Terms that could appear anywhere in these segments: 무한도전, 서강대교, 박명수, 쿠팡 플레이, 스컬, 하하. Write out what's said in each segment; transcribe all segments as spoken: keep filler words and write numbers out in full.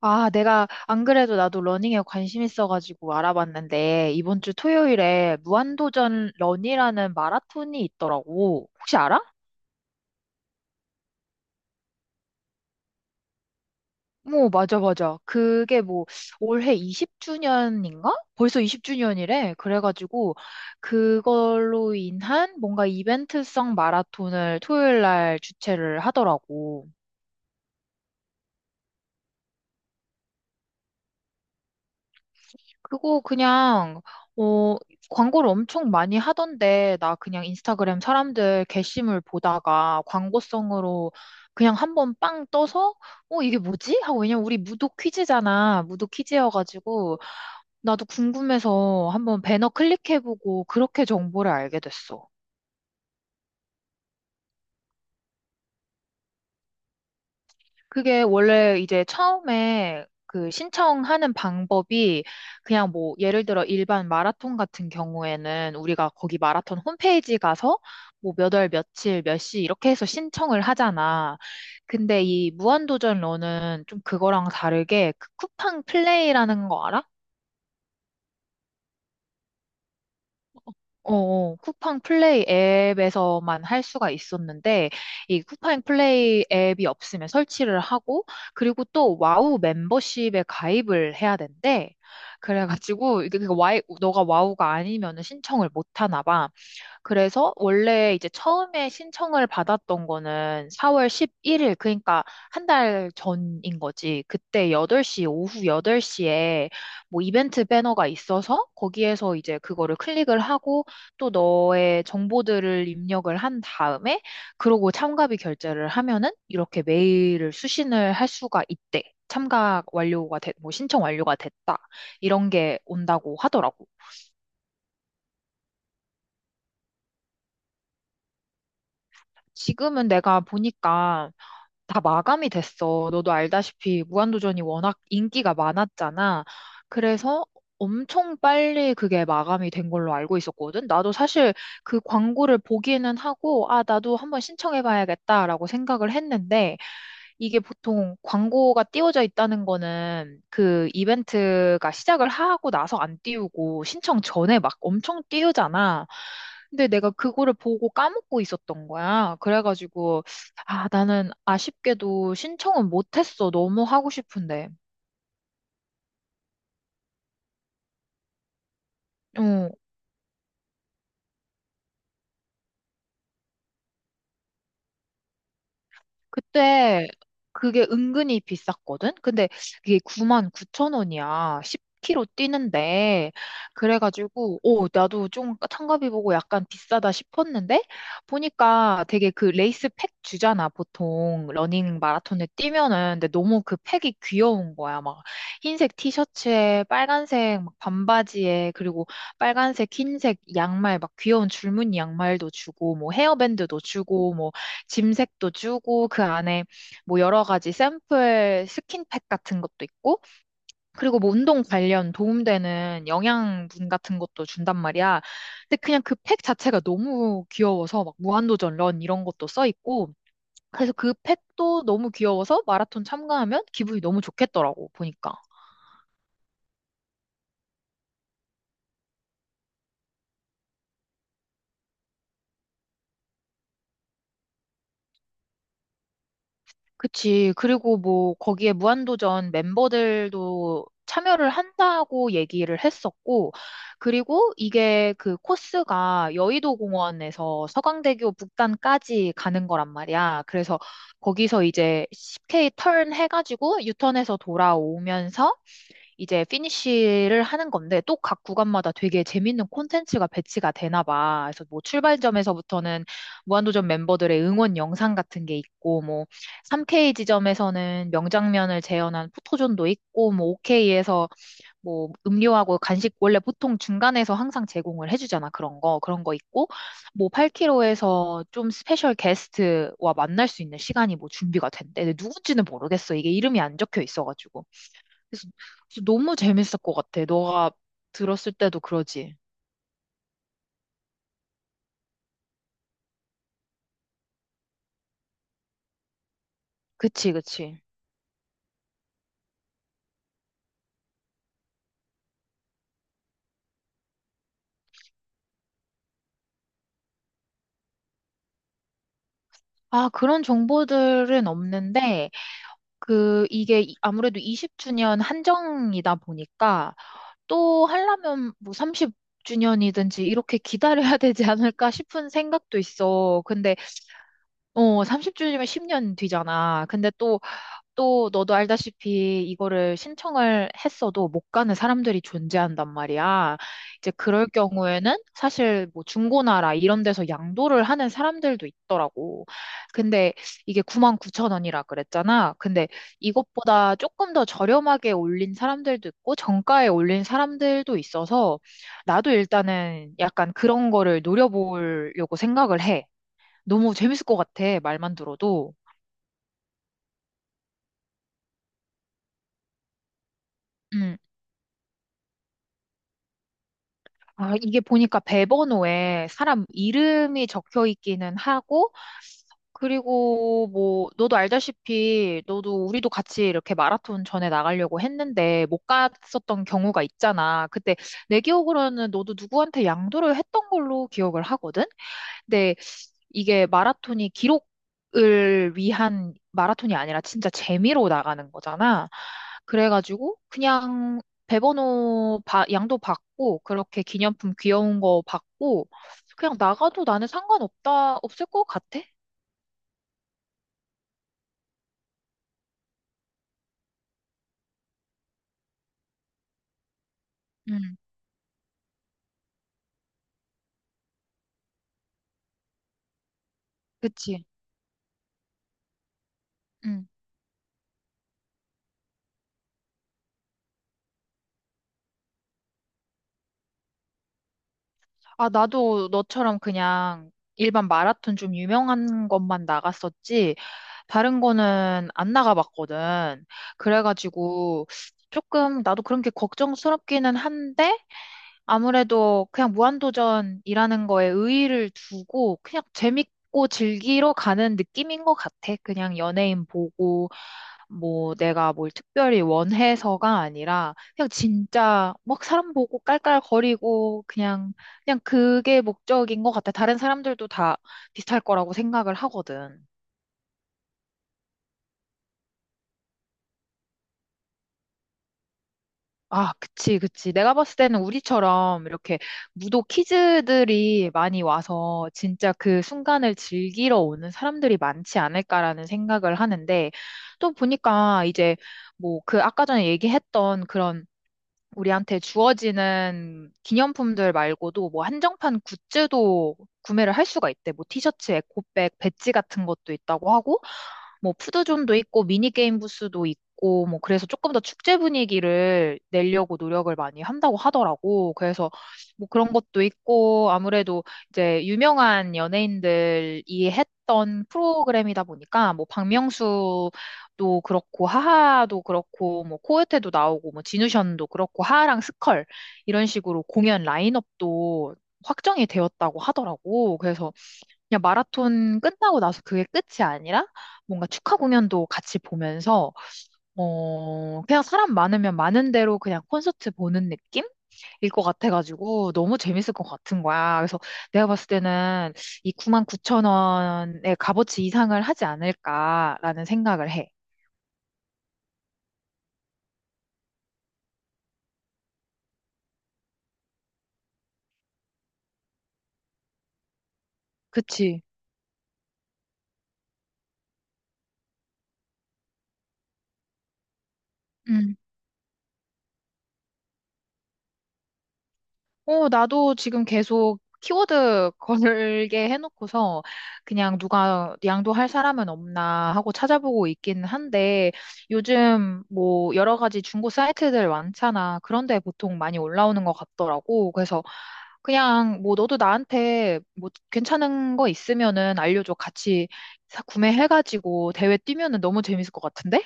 아, 내가 안 그래도 나도 러닝에 관심 있어가지고 알아봤는데 이번 주 토요일에 무한도전 런이라는 마라톤이 있더라고. 혹시 알아? 뭐, 맞아, 맞아. 그게 뭐 올해 이십 주년인가? 벌써 이십 주년이래. 그래가지고 그걸로 인한 뭔가 이벤트성 마라톤을 토요일 날 주최를 하더라고. 그거 그냥, 어, 광고를 엄청 많이 하던데, 나 그냥 인스타그램 사람들 게시물 보다가 광고성으로 그냥 한번 빵 떠서, 어, 이게 뭐지? 하고, 왜냐면 우리 무도 퀴즈잖아. 무도 퀴즈여가지고, 나도 궁금해서 한번 배너 클릭해보고, 그렇게 정보를 알게 됐어. 그게 원래 이제 처음에 그 신청하는 방법이 그냥 뭐 예를 들어 일반 마라톤 같은 경우에는 우리가 거기 마라톤 홈페이지 가서 뭐 몇 월 며칠 몇 시 이렇게 해서 신청을 하잖아. 근데 이 무한도전 러는 좀 그거랑 다르게 그 쿠팡 플레이라는 거 알아? 어, 어. 쿠팡 플레이 앱에서만 할 수가 있었는데, 이 쿠팡 플레이 앱이 없으면 설치를 하고, 그리고 또 와우 멤버십에 가입을 해야 된대. 그래가지고, 이게 그 와이, 너가 와우가 아니면 신청을 못 하나 봐. 그래서 원래 이제 처음에 신청을 받았던 거는 사월 십일 일, 그러니까 한 달 전인 거지. 그때 여덟 시 오후 여덟 시에 뭐 이벤트 배너가 있어서 거기에서 이제 그거를 클릭을 하고 또 너의 정보들을 입력을 한 다음에 그러고 참가비 결제를 하면은 이렇게 메일을 수신을 할 수가 있대. 참가 완료가 됐, 뭐 신청 완료가 됐다. 이런 게 온다고 하더라고. 지금은 내가 보니까 다 마감이 됐어. 너도 알다시피 무한도전이 워낙 인기가 많았잖아. 그래서 엄청 빨리 그게 마감이 된 걸로 알고 있었거든. 나도 사실 그 광고를 보기는 하고, 아, 나도 한번 신청해봐야겠다라고 생각을 했는데, 이게 보통 광고가 띄워져 있다는 거는 그 이벤트가 시작을 하고 나서 안 띄우고 신청 전에 막 엄청 띄우잖아. 근데 내가 그거를 보고 까먹고 있었던 거야. 그래가지고, 아, 나는 아쉽게도 신청은 못했어. 너무 하고 싶은데. 어, 그때 그게 은근히 비쌌거든? 근데 그게 구만 영천 원이야. 하나 영 k 로 뛰는데. 그래가지고, 오, 나도 좀 참가비 보고 약간 비싸다 싶었는데, 보니까 되게 그 레이스 팩 주잖아. 보통 러닝 마라톤에 뛰면은. 근데 너무 그 팩이 귀여운 거야. 막 흰색 티셔츠에 빨간색 막 반바지에, 그리고 빨간색, 흰색 양말, 막 귀여운 줄무늬 양말도 주고, 뭐 헤어밴드도 주고, 뭐 짐색도 주고 그 안에 뭐 여러 가지 샘플 스킨팩 같은 것도 있고 그리고 뭐 운동 관련 도움되는 영양분 같은 것도 준단 말이야. 근데 그냥 그 팩 자체가 너무 귀여워서 막 무한도전 런 이런 것도 써 있고 그래서 그 팩도 너무 귀여워서 마라톤 참가하면 기분이 너무 좋겠더라고 보니까. 그치. 그리고 뭐, 거기에 무한도전 멤버들도 참여를 한다고 얘기를 했었고, 그리고 이게 그 코스가 여의도 공원에서 서강대교 북단까지 가는 거란 말이야. 그래서 거기서 이제 십 케이 턴 해가지고 유턴해서 돌아오면서 이제 피니쉬를 하는 건데 또 각 구간마다 되게 재밌는 콘텐츠가 배치가 되나 봐. 그래서 뭐 출발점에서부터는 무한도전 멤버들의 응원 영상 같은 게 있고 뭐 삼 케이 지점에서는 명장면을 재현한 포토존도 있고 뭐 오 케이에서 뭐 음료하고 간식 원래 보통 중간에서 항상 제공을 해주잖아. 그런 거 그런 거 있고 뭐 팔 킬로미터에서 좀 스페셜 게스트와 만날 수 있는 시간이 뭐 준비가 된대. 근데 누군지는 모르겠어. 이게 이름이 안 적혀 있어가지고. 그래서, 그래서 너무 재밌을 것 같아. 너가 들었을 때도 그러지. 그치, 그치. 아, 그런 정보들은 없는데, 그, 이게 이- 아무래도 이십 주년 한정이다 보니까, 또 하려면 뭐 삼십 주년이든지 이렇게 기다려야 되지 않을까 싶은 생각도 있어. 근데, 어, 삼십 주년이면 십 년 뒤잖아. 근데 또 너도 알다시피 이거를 신청을 했어도 못 가는 사람들이 존재한단 말이야. 이제 그럴 경우에는 사실 뭐 중고나라 이런 데서 양도를 하는 사람들도 있더라고. 근데 이게 구만 구천 원이라 그랬잖아. 근데 이것보다 조금 더 저렴하게 올린 사람들도 있고 정가에 올린 사람들도 있어서 나도 일단은 약간 그런 거를 노려보려고 생각을 해. 너무 재밌을 것 같아. 말만 들어도. 음. 아, 이게 보니까 배번호에 사람 이름이 적혀 있기는 하고, 그리고 뭐, 너도 알다시피, 너도 우리도 같이 이렇게 마라톤 전에 나가려고 했는데, 못 갔었던 경우가 있잖아. 그때 내 기억으로는 너도 누구한테 양도를 했던 걸로 기억을 하거든? 근데 이게 마라톤이 기록을 위한 마라톤이 아니라 진짜 재미로 나가는 거잖아. 그래가지고 그냥 배번호 바- 양도 받고 그렇게 기념품 귀여운 거 받고 그냥 나가도 나는 상관없다 없을 것 같아. 응, 그치. 응. 아, 나도 너처럼 그냥 일반 마라톤 좀 유명한 것만 나갔었지, 다른 거는 안 나가봤거든. 그래가지고, 조금, 나도 그런 게 걱정스럽기는 한데, 아무래도 그냥 무한도전이라는 거에 의의를 두고 그냥 재밌고 즐기러 가는 느낌인 것 같아. 그냥 연예인 보고 뭐 내가 뭘 특별히 원해서가 아니라 그냥 진짜 막 사람 보고 깔깔거리고 그냥 그냥 그게 목적인 것 같아. 다른 사람들도 다 비슷할 거라고 생각을 하거든. 아, 그치, 그치. 내가 봤을 때는 우리처럼 이렇게 무도 키즈들이 많이 와서 진짜 그 순간을 즐기러 오는 사람들이 많지 않을까라는 생각을 하는데 또 보니까 이제 뭐 그 아까 전에 얘기했던 그런 우리한테 주어지는 기념품들 말고도 뭐 한정판 굿즈도 구매를 할 수가 있대. 뭐 티셔츠, 에코백, 배지 같은 것도 있다고 하고, 뭐 푸드존도 있고, 미니게임 부스도 있고, 뭐 그래서 조금 더 축제 분위기를 내려고 노력을 많이 한다고 하더라고. 그래서 뭐 그런 것도 있고, 아무래도 이제 유명한 연예인들이 했던 프로그램이다 보니까, 뭐 박명수 도 그렇고 하하도 그렇고 뭐 코요테도 나오고 뭐 진우션도 그렇고 하하랑 스컬 이런 식으로 공연 라인업도 확정이 되었다고 하더라고. 그래서 그냥 마라톤 끝나고 나서 그게 끝이 아니라 뭔가 축하 공연도 같이 보면서 어 그냥 사람 많으면 많은 대로 그냥 콘서트 보는 느낌? 일 것 같아가지고 너무 재밌을 것 같은 거야. 그래서 내가 봤을 때는 이 구만 구천 원의 값어치 이상을 하지 않을까라는 생각을 해. 그치? 음. 어, 나도 지금 계속 키워드 걸게 해놓고서 그냥 누가 양도할 사람은 없나 하고 찾아보고 있긴 한데 요즘 뭐 여러 가지 중고 사이트들 많잖아. 그런데 보통 많이 올라오는 것 같더라고. 그래서 그냥 뭐 너도 나한테 뭐 괜찮은 거 있으면은 알려줘. 같이 사- 구매해가지고 대회 뛰면은 너무 재밌을 것 같은데?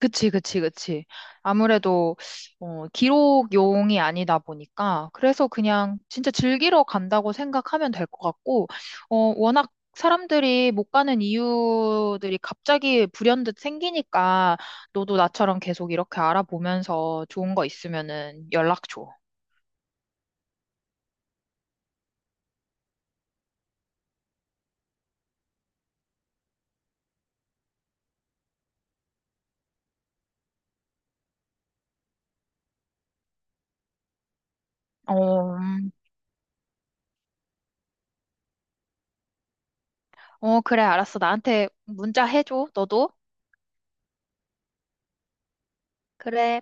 그치, 그치, 그치. 아무래도, 어, 기록용이 아니다 보니까, 그래서 그냥 진짜 즐기러 간다고 생각하면 될 것 같고, 어, 워낙 사람들이 못 가는 이유들이 갑자기 불현듯 생기니까, 너도 나처럼 계속 이렇게 알아보면서 좋은 거 있으면은 연락 줘. 어, 음. 어, 그래, 알았어. 나한테 문자 해줘, 너도. 그래.